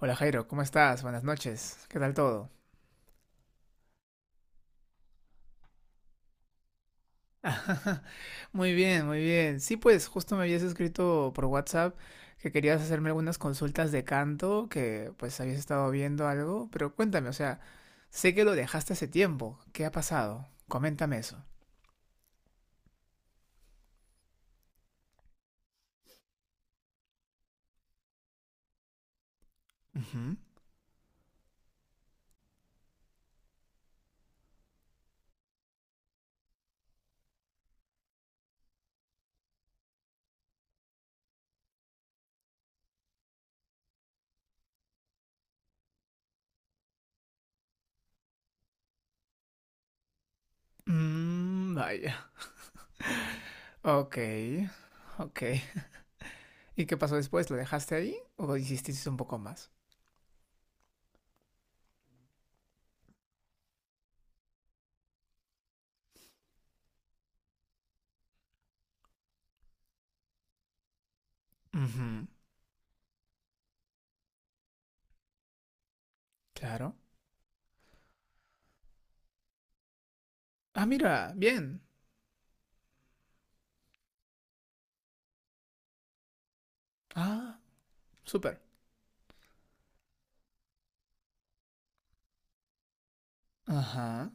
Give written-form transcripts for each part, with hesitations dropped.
Hola Jairo, ¿cómo estás? Buenas noches. ¿Qué tal todo? Muy bien, muy bien. Sí, pues justo me habías escrito por WhatsApp que querías hacerme algunas consultas de canto, que pues habías estado viendo algo, pero cuéntame, o sea, sé que lo dejaste hace tiempo. ¿Qué ha pasado? Coméntame eso. Ujú. Mm, vaya. Ok, ok. ¿Y qué pasó después? ¿Lo dejaste ahí o hiciste un poco más? Ujú, claro. Ah, mira, bien. Ah, súper. Ajá.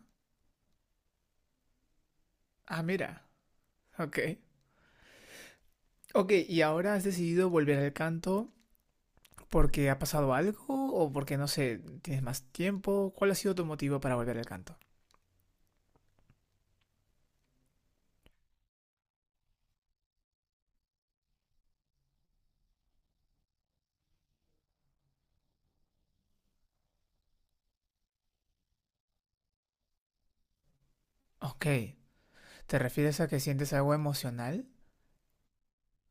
Ah, mira, ok. Ok, ¿y ahora has decidido volver al canto porque ha pasado algo o porque, no sé, tienes más tiempo? ¿Cuál ha sido tu motivo para volver al canto? Ok, ¿te refieres a que sientes algo emocional?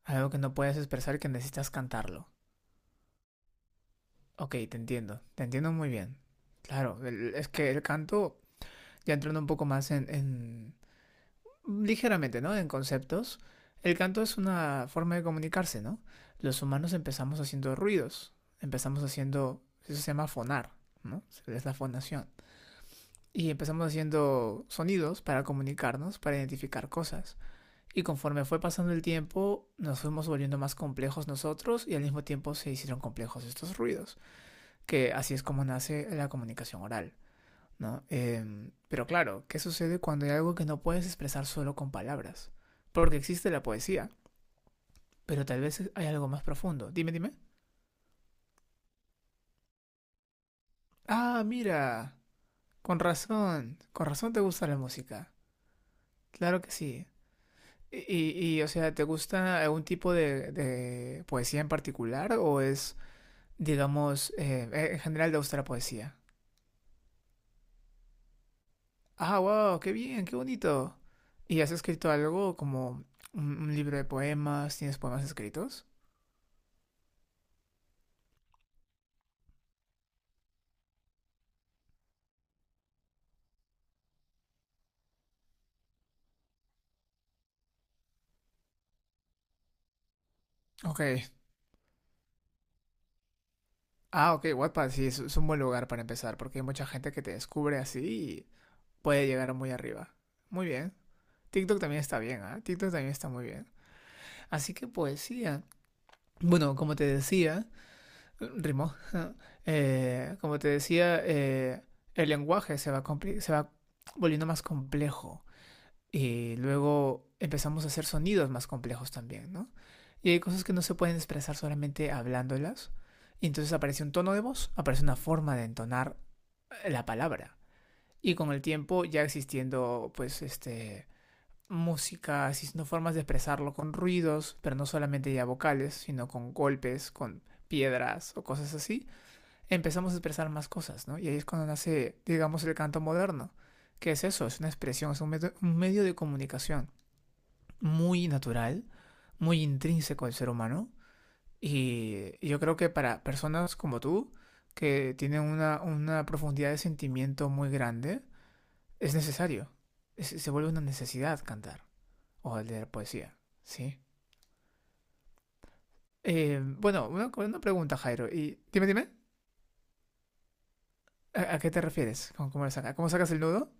Algo que no puedes expresar que necesitas cantarlo. Ok, te entiendo muy bien. Claro, es que el canto, ya entrando un poco más en, ligeramente, ¿no? En conceptos, el canto es una forma de comunicarse, ¿no? Los humanos empezamos haciendo ruidos, empezamos haciendo, eso se llama fonar, ¿no? Es la fonación. Y empezamos haciendo sonidos para comunicarnos, para identificar cosas. Y conforme fue pasando el tiempo, nos fuimos volviendo más complejos nosotros y al mismo tiempo se hicieron complejos estos ruidos, que así es como nace la comunicación oral. ¿No? Pero claro, ¿qué sucede cuando hay algo que no puedes expresar solo con palabras? Porque existe la poesía, pero tal vez hay algo más profundo. Dime, dime. Ah, mira, con razón te gusta la música. Claro que sí. Y, o sea, ¿te gusta algún tipo de poesía en particular o es, digamos, en general te gusta la poesía? Ah, wow, qué bien, qué bonito. ¿Y has escrito algo como un libro de poemas? ¿Tienes poemas escritos? Ok, ah, ok, Wattpad sí, es un buen lugar para empezar, porque hay mucha gente que te descubre así y puede llegar muy arriba. Muy bien. TikTok también está bien, ¿ah? TikTok también está muy bien. Así que poesía. Bueno, como te decía, rimó. Como te decía, el lenguaje se va, se va volviendo más complejo. Y luego empezamos a hacer sonidos más complejos también, ¿no? Y hay cosas que no se pueden expresar solamente hablándolas. Y entonces aparece un tono de voz, aparece una forma de entonar la palabra. Y con el tiempo ya existiendo, pues, música, existiendo formas de expresarlo con ruidos, pero no solamente ya vocales, sino con golpes, con piedras o cosas así, empezamos a expresar más cosas, ¿no? Y ahí es cuando nace, digamos, el canto moderno. ¿Qué es eso? Es una expresión, es un medio de comunicación muy natural, muy intrínseco al ser humano. Y yo creo que para personas como tú, que tienen una profundidad de sentimiento muy grande, es necesario. Se vuelve una necesidad cantar o leer poesía, ¿sí? Bueno, una pregunta, Jairo. Y dime, dime, ¿a qué te refieres? ¿Cómo sacas el nudo?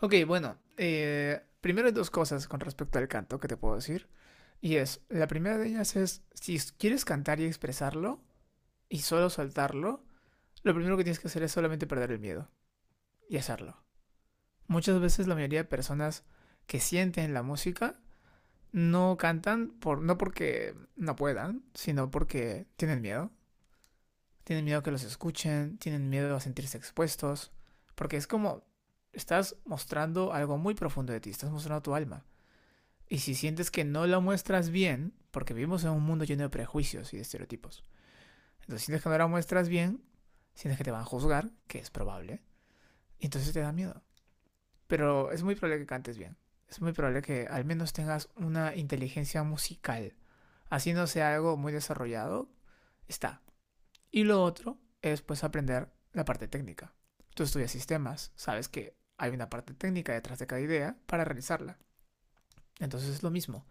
Ok, bueno, primero hay dos cosas con respecto al canto que te puedo decir. Y es, la primera de ellas es, si quieres cantar y expresarlo y solo soltarlo, lo primero que tienes que hacer es solamente perder el miedo y hacerlo. Muchas veces la mayoría de personas que sienten la música no cantan por, no porque no puedan, sino porque tienen miedo. Tienen miedo que los escuchen, tienen miedo a sentirse expuestos, porque es como estás mostrando algo muy profundo de ti, estás mostrando tu alma. Y si sientes que no la muestras bien, porque vivimos en un mundo lleno de prejuicios y de estereotipos, entonces sientes que no la muestras bien, sientes que te van a juzgar, que es probable, y entonces te da miedo. Pero es muy probable que cantes bien. Es muy probable que al menos tengas una inteligencia musical. Así no sea algo muy desarrollado, está. Y lo otro es pues aprender la parte técnica. Tú estudias sistemas, sabes que hay una parte técnica detrás de cada idea para realizarla. Entonces es lo mismo.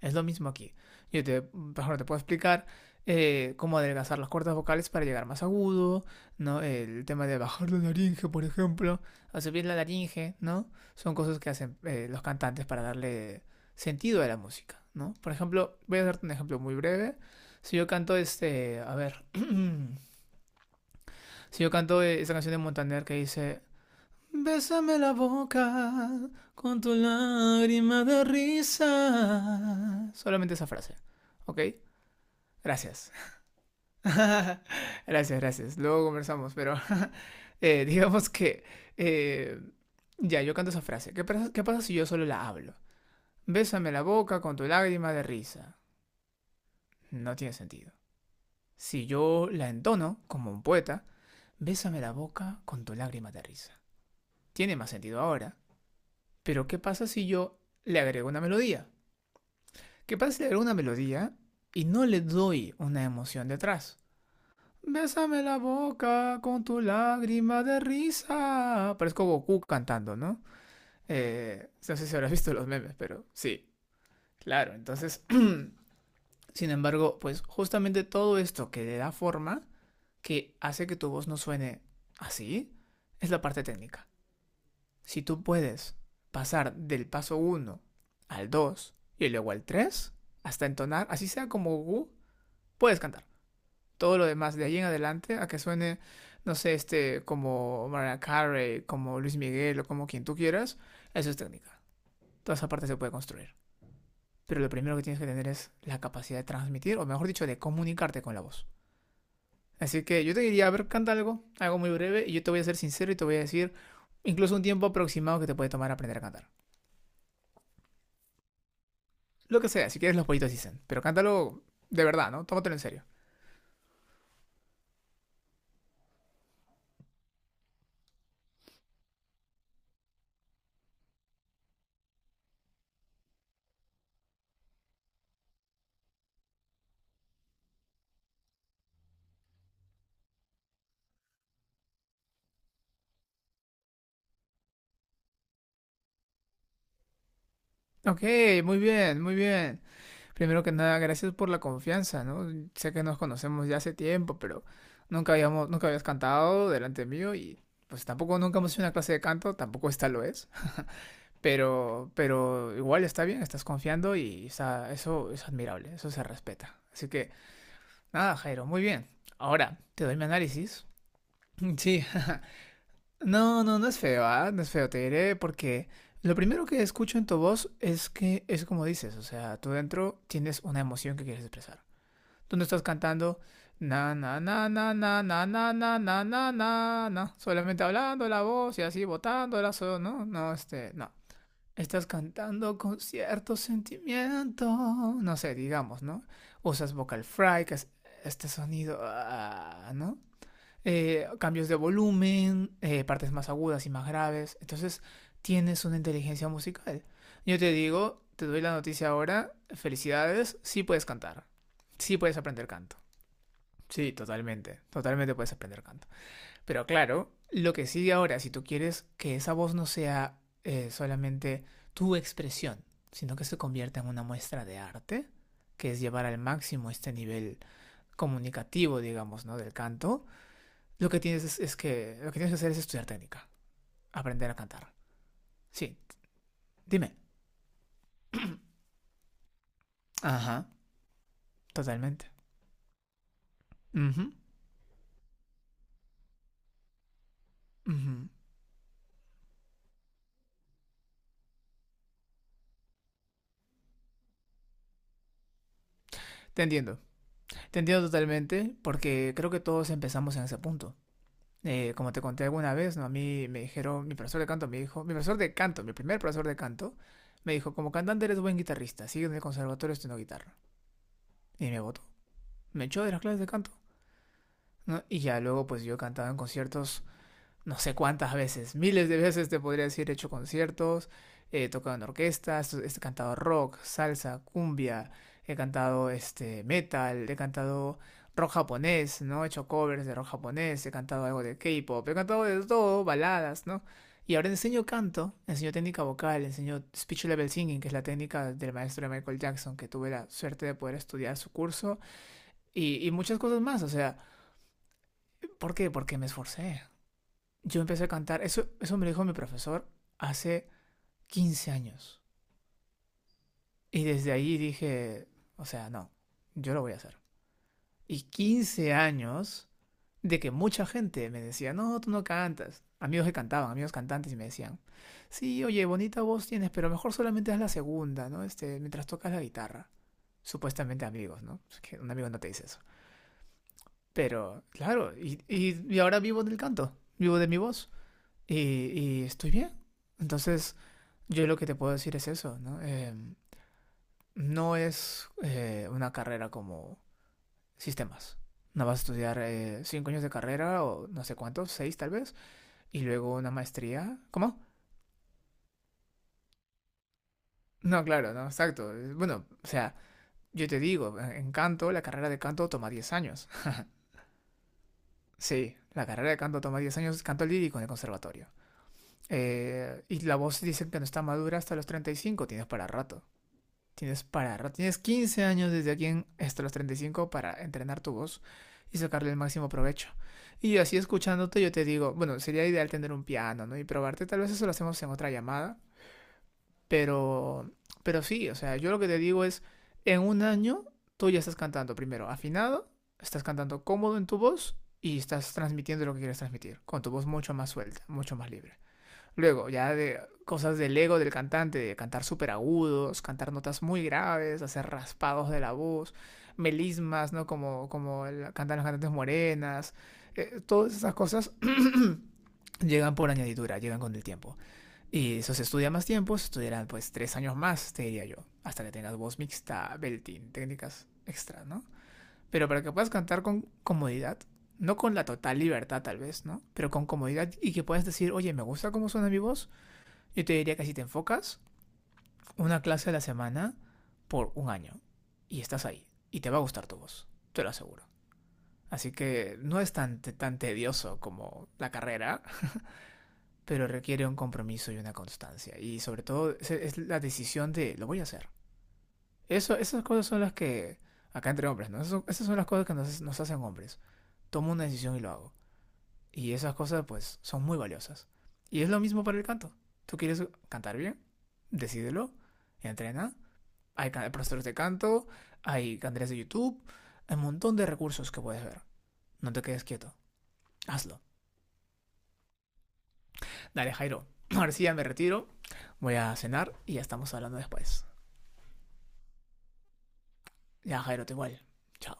Es lo mismo aquí. Yo te, por ejemplo, te puedo explicar cómo adelgazar las cuerdas vocales para llegar más agudo, ¿no? El tema de bajar la laringe, por ejemplo, o subir la laringe, ¿no? Son cosas que hacen los cantantes para darle sentido a la música, ¿no? Por ejemplo, voy a darte un ejemplo muy breve. Si yo canto a ver, si yo canto esta canción de Montaner que dice bésame la boca con tu lágrima de risa. Solamente esa frase, ¿ok? Gracias. Gracias, gracias. Luego conversamos, pero digamos que... eh, ya, yo canto esa frase. ¿Qué pasa si yo solo la hablo? Bésame la boca con tu lágrima de risa. No tiene sentido. Si yo la entono como un poeta, bésame la boca con tu lágrima de risa. Tiene más sentido ahora. Pero ¿qué pasa si yo le agrego una melodía? ¿Qué pasa si le agrego una melodía y no le doy una emoción detrás? Bésame la boca con tu lágrima de risa. Parezco Goku cantando, ¿no? No sé si habrás visto los memes, pero sí, claro. Entonces, sin embargo, pues justamente todo esto que le da forma, que hace que tu voz no suene así, es la parte técnica. Si tú puedes pasar del paso uno al 2 y luego al 3 hasta entonar, así sea como Gu, puedes cantar. Todo lo demás de ahí en adelante, a que suene, no sé, como Mariah Carey, como Luis Miguel o como quien tú quieras, eso es técnica. Toda esa parte se puede construir. Pero lo primero que tienes que tener es la capacidad de transmitir, o mejor dicho, de comunicarte con la voz. Así que yo te diría, a ver, canta algo, algo muy breve, y yo te voy a ser sincero y te voy a decir incluso un tiempo aproximado que te puede tomar aprender a cantar. Lo que sea, si quieres los pollitos dicen. Pero cántalo de verdad, ¿no? Tómatelo en serio. Ok, muy bien, muy bien. Primero que nada, gracias por la confianza, ¿no? Sé que nos conocemos ya hace tiempo, pero nunca habíamos, nunca habías cantado delante mío y pues tampoco nunca hemos hecho una clase de canto, tampoco esta lo es. Pero, igual está bien, estás confiando y está, eso es admirable, eso se respeta. Así que, nada, Jairo, muy bien. Ahora, te doy mi análisis. Sí, no, no, no es feo, ¿ah? No es feo, te diré porque lo primero que escucho en tu voz es que es como dices, o sea, tú dentro tienes una emoción que quieres expresar. Tú no estás cantando na na na na na na na na na na na na, solamente hablando la voz y así botando la so, no, no, no. Estás cantando con cierto sentimiento, no sé, digamos, ¿no? Usas vocal fry, que es este sonido, ah, ¿no? Cambios de volumen, partes más agudas y más graves. Entonces tienes una inteligencia musical. Yo te digo, te doy la noticia ahora, felicidades, sí puedes cantar, sí puedes aprender canto. Sí, totalmente, totalmente puedes aprender canto. Pero claro, lo que sigue ahora, si tú quieres que esa voz no sea solamente tu expresión, sino que se convierta en una muestra de arte, que es llevar al máximo este nivel comunicativo, digamos, ¿no? Del canto, lo que tienes es que lo que tienes que hacer es estudiar técnica, aprender a cantar. Sí, dime. Ajá, totalmente. Ujú, ujú. Te entiendo, te entiendo totalmente porque creo que todos empezamos en ese punto. Como te conté alguna vez, ¿no? A mí me dijeron, mi profesor de canto me dijo, mi profesor de canto, mi primer profesor de canto, me dijo, como cantante eres buen guitarrista, sigue en el conservatorio estudiando guitarra. Y me votó. Me echó de las clases de canto, ¿no? Y ya luego pues yo cantaba en conciertos no sé cuántas veces, miles de veces te podría decir, he hecho conciertos, he tocado en orquestas, he cantado rock, salsa, cumbia, he cantado metal, he cantado rock japonés, ¿no? He hecho covers de rock japonés, he cantado algo de K-pop, he cantado de todo, baladas, ¿no? Y ahora enseño canto, enseño técnica vocal, enseño speech level singing, que es la técnica del maestro de Michael Jackson, que tuve la suerte de poder estudiar su curso, y muchas cosas más, o sea, ¿por qué? Porque me esforcé, yo empecé a cantar. Eso me lo dijo mi profesor hace 15 años. Y desde ahí dije, o sea, no, yo lo voy a hacer. Y 15 años de que mucha gente me decía, no, tú no cantas. Amigos que cantaban, amigos cantantes, y me decían, sí, oye, bonita voz tienes, pero mejor solamente haz la segunda, ¿no? Mientras tocas la guitarra. Supuestamente amigos, ¿no? Es que un amigo no te dice eso. Pero, claro, y ahora vivo del canto, vivo de mi voz. Y, y, estoy bien. Entonces, yo lo que te puedo decir es eso, ¿no? No es una carrera como sistemas. No vas a estudiar 5 años de carrera o no sé cuántos, seis tal vez, y luego una maestría. ¿Cómo? No, claro, no, exacto. Bueno, o sea, yo te digo, en canto, la carrera de canto toma 10 años. Sí, la carrera de canto toma 10 años, canto lírico en el conservatorio. Y la voz dicen que no está madura hasta los 35. Tienes para rato. Tienes 15 años desde aquí hasta los 35 para entrenar tu voz y sacarle el máximo provecho. Y así escuchándote yo te digo, bueno, sería ideal tener un piano, ¿no? Y probarte, tal vez eso lo hacemos en otra llamada, pero pero sí, o sea, yo lo que te digo es en un año tú ya estás cantando primero afinado, estás cantando cómodo en tu voz y estás transmitiendo lo que quieres transmitir, con tu voz mucho más suelta, mucho más libre. Luego, ya de cosas del ego del cantante, de cantar súper agudos, cantar notas muy graves, hacer raspados de la voz, melismas, ¿no? Como cantan las cantantes morenas. Todas esas cosas llegan por añadidura, llegan con el tiempo. Y eso se estudia más tiempo, se estudiarán pues 3 años más, te diría yo, hasta que tengas voz mixta, belting, técnicas extras, ¿no? Pero para que puedas cantar con comodidad, no con la total libertad tal vez, ¿no? Pero con comodidad y que puedas decir, oye, me gusta cómo suena mi voz, yo te diría que si te enfocas una clase a la semana por un año y estás ahí y te va a gustar tu voz, te lo aseguro. Así que no es tan, tan tedioso como la carrera, pero requiere un compromiso y una constancia. Y sobre todo es, la decisión de lo voy a hacer. Eso, esas cosas son las que, acá entre hombres, ¿no? Eso, esas son las cosas que nos hacen hombres. Tomo una decisión y lo hago. Y esas cosas pues son muy valiosas. Y es lo mismo para el canto. ¿Tú quieres cantar bien? Decídelo, entrena. Hay profesores de canto, hay canales de YouTube, hay un montón de recursos que puedes ver. No te quedes quieto, hazlo. Dale, Jairo. Ahora sí ya me retiro, voy a cenar y ya estamos hablando después. Ya, Jairo, te igual. Chao.